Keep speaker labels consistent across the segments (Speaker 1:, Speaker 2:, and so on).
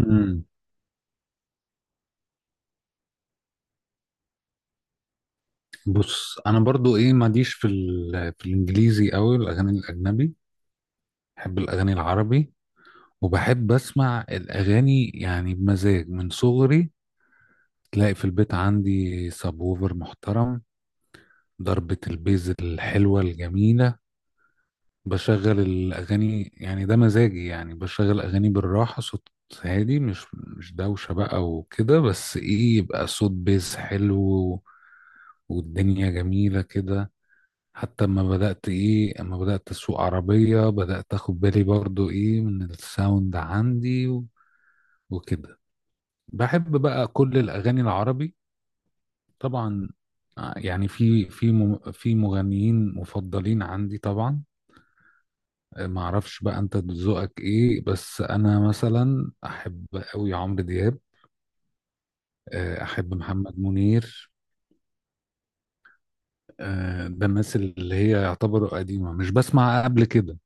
Speaker 1: امم بص انا برضو ايه ماليش في ال... في الانجليزي قوي الاغاني الاجنبي. بحب الاغاني العربي، وبحب اسمع الاغاني يعني بمزاج من صغري. تلاقي في البيت عندي سابوفر محترم، ضربة البيز الحلوة الجميلة. بشغل الاغاني يعني ده مزاجي، يعني بشغل اغاني بالراحة، صوت هادي، مش دوشة بقى وكده، بس ايه يبقى صوت بيز حلو والدنيا جميلة كده. حتى اما بدأت اسوق عربية بدأت اخد بالي برضو ايه من الساوند عندي وكده. بحب بقى كل الاغاني العربي، طبعا. يعني في في مغنيين مفضلين عندي طبعا. ما اعرفش بقى انت ذوقك ايه، بس انا مثلا احب قوي عمرو دياب، احب محمد منير. ده الناس اللي هي يعتبروا قديمة مش بسمع قبل كده،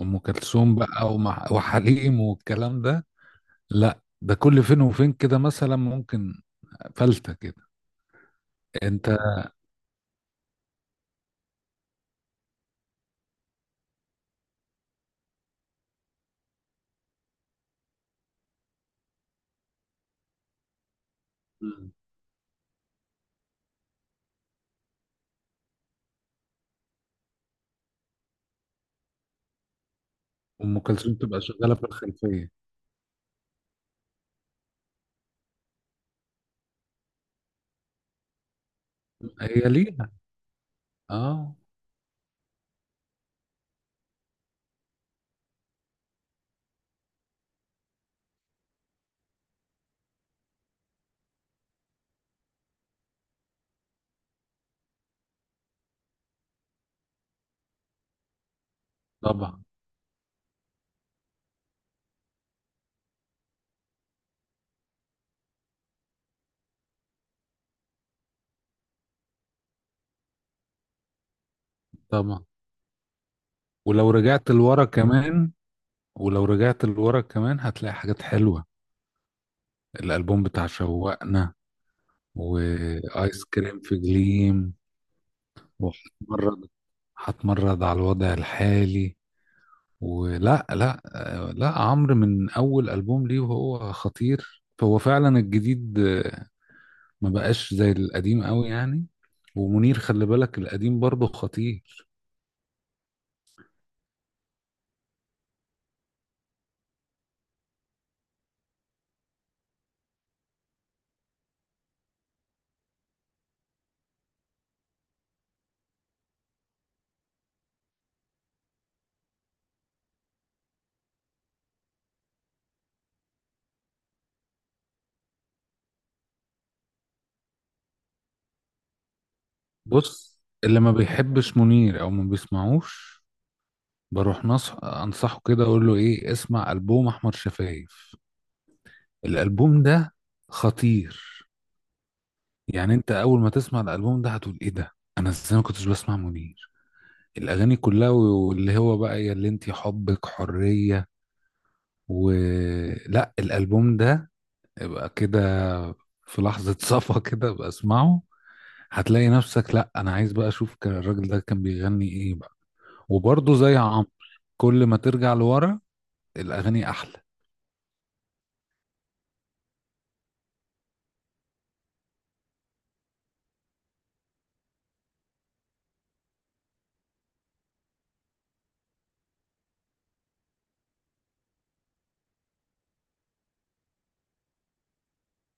Speaker 1: ام كلثوم بقى وحليم والكلام ده. لا ده كل فين وفين كده، مثلا ممكن فلتة كده. انت. مم. ام كلثوم تبقى شغالة في الخلفية. هي ليها، اه. طبعا. طبعا. ولو رجعت لورا كمان، هتلاقي حاجات حلوة. الألبوم بتاع شوقنا، وآيس كريم في جليم، وهتمرد. هتمرد على الوضع الحالي، ولا لا. لا عمرو من أول ألبوم ليه وهو خطير، فهو فعلا الجديد ما بقاش زي القديم قوي يعني. ومنير خلي بالك القديم برضه خطير. بص، اللي ما بيحبش منير او ما بيسمعوش بروح انصحه كده اقول له ايه، اسمع البوم احمد شفايف. الالبوم ده خطير. يعني انت اول ما تسمع الالبوم ده هتقول ايه ده، انا ازاي ما كنتش بسمع منير، الاغاني كلها، واللي هو بقى يا اللي انت حبك حرية ولا الالبوم ده، يبقى كده في لحظة صفا كده بسمعه هتلاقي نفسك، لا انا عايز بقى اشوف كان الراجل ده كان بيغني ايه بقى. وبرضه زي عمرو، كل ما ترجع لورا الاغاني احلى.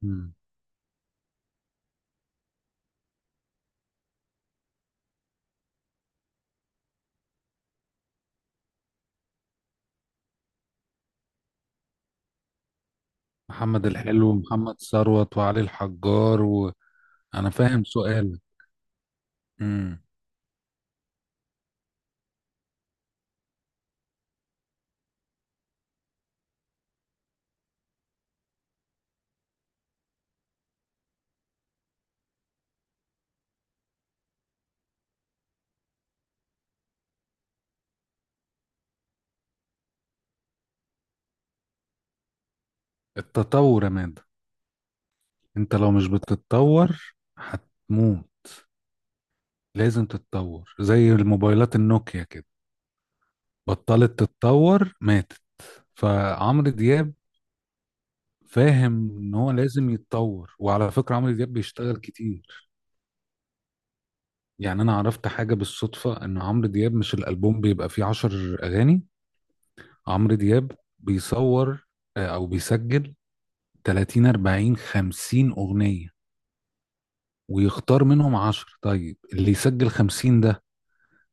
Speaker 1: مم. محمد الحلو ومحمد ثروت وعلي الحجار، وانا فاهم سؤالك. مم. التطور يا مادة، انت لو مش بتتطور هتموت. لازم تتطور، زي الموبايلات النوكيا كده، بطلت تتطور ماتت. فعمرو دياب فاهم ان هو لازم يتطور. وعلى فكرة عمرو دياب بيشتغل كتير، يعني انا عرفت حاجه بالصدفه ان عمرو دياب، مش الالبوم بيبقى فيه عشر اغاني، عمرو دياب بيصور او بيسجل 30 40 50 اغنيه ويختار منهم 10. طيب اللي يسجل 50 ده،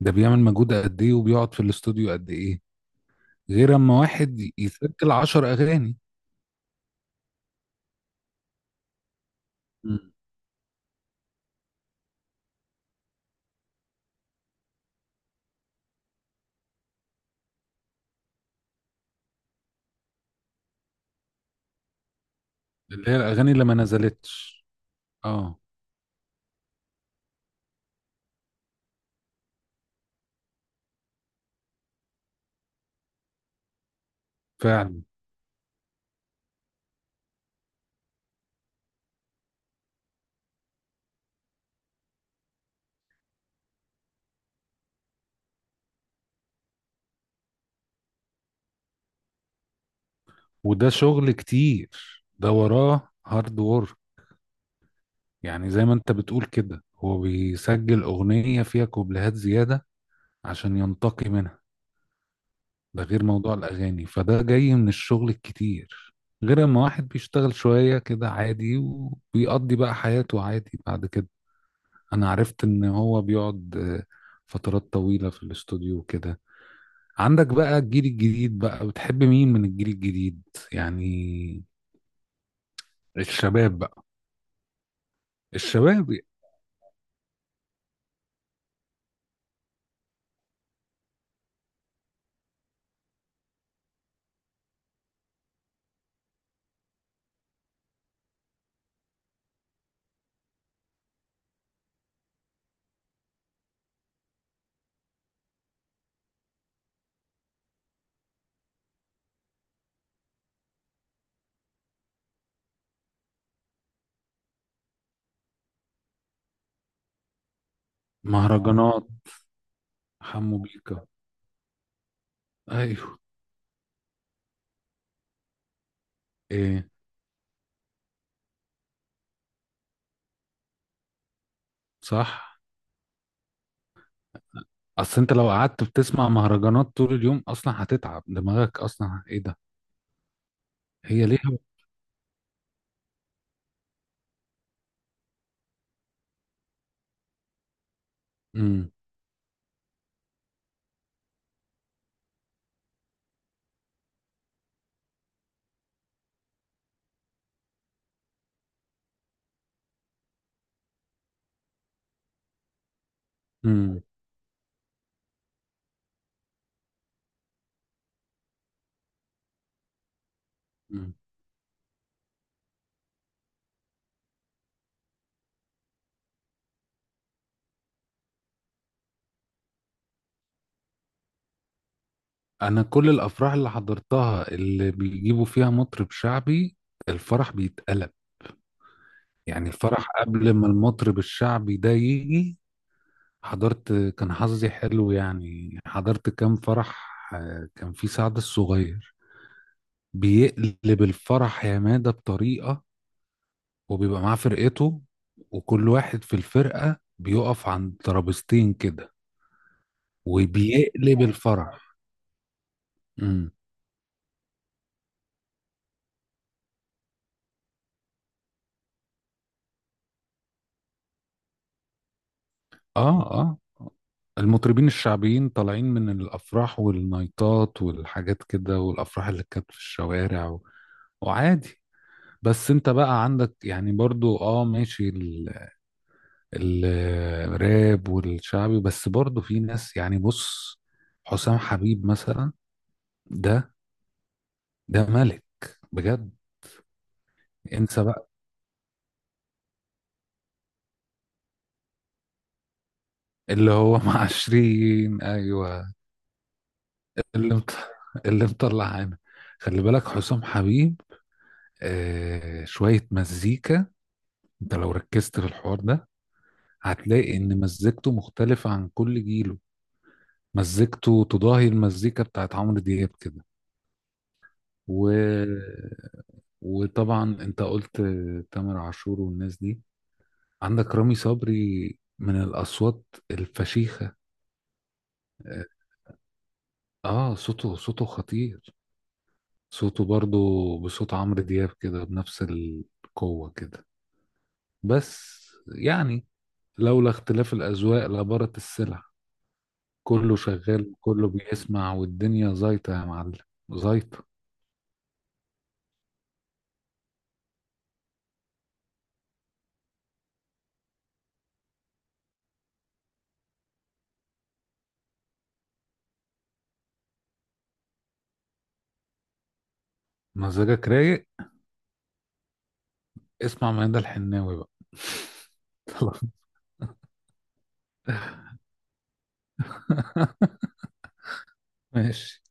Speaker 1: ده بيعمل مجهود قد ايه وبيقعد في الاستوديو قد ايه، غير اما واحد يسجل 10 اغاني. مم. اللي هي الاغاني اللي ما نزلتش، اه فعلا. وده شغل كتير، ده وراه هارد وورك. يعني زي ما انت بتقول كده، هو بيسجل اغنية فيها كوبليهات زيادة عشان ينتقي منها. ده غير موضوع الاغاني، فده جاي من الشغل الكتير، غير اما واحد بيشتغل شوية كده عادي وبيقضي بقى حياته عادي بعد كده. انا عرفت ان هو بيقعد فترات طويلة في الاستوديو وكده. عندك بقى الجيل الجديد، بقى بتحب مين من الجيل الجديد يعني، الشباب بقى؟ الشباب. مهرجانات، حمو بيكا. ايوه. ايه؟ صح. اصل انت لو قعدت بتسمع مهرجانات طول اليوم اصلا هتتعب دماغك، اصلا ايه ده. هي ليها. امم امم أمم. انا كل الافراح اللي حضرتها اللي بيجيبوا فيها مطرب شعبي، الفرح بيتقلب. يعني الفرح قبل ما المطرب الشعبي ده يجي، حضرت كان حظي حلو يعني، حضرت كام فرح كان في سعد الصغير، بيقلب الفرح يا مادة بطريقة. وبيبقى معاه فرقته، وكل واحد في الفرقة بيقف عند ترابيزتين كده، وبيقلب الفرح. امم اه اه، المطربين الشعبيين طالعين من الافراح والنايتات والحاجات كده، والافراح اللي كانت في الشوارع و... وعادي. بس انت بقى عندك يعني برضو اه ماشي ال... ال- الراب والشعبي، بس برضو في ناس يعني بص، حسام حبيب مثلا، ده، ده ملك بجد. انسى اللي هو مع عشرين، ايوه، اللي مط... اللي مطلع عنا. خلي بالك حسام حبيب آه شوية مزيكا، انت لو ركزت في الحوار ده هتلاقي ان مزيكته مختلفة عن كل جيله، مزيكته تضاهي المزيكا بتاعت عمرو دياب كده، و... وطبعا انت قلت تامر عاشور والناس دي، عندك رامي صبري من الاصوات الفشيخة. اه، صوته خطير. صوته برضو بصوت عمرو دياب كده، بنفس القوة كده، بس يعني، لولا اختلاف الأذواق لبارت السلع. كله شغال، كله بيسمع، والدنيا زيطة يا معلم، زيطة. مزاجك رايق؟ اسمع ميادة الحناوي بقى. خلاص. ماشي.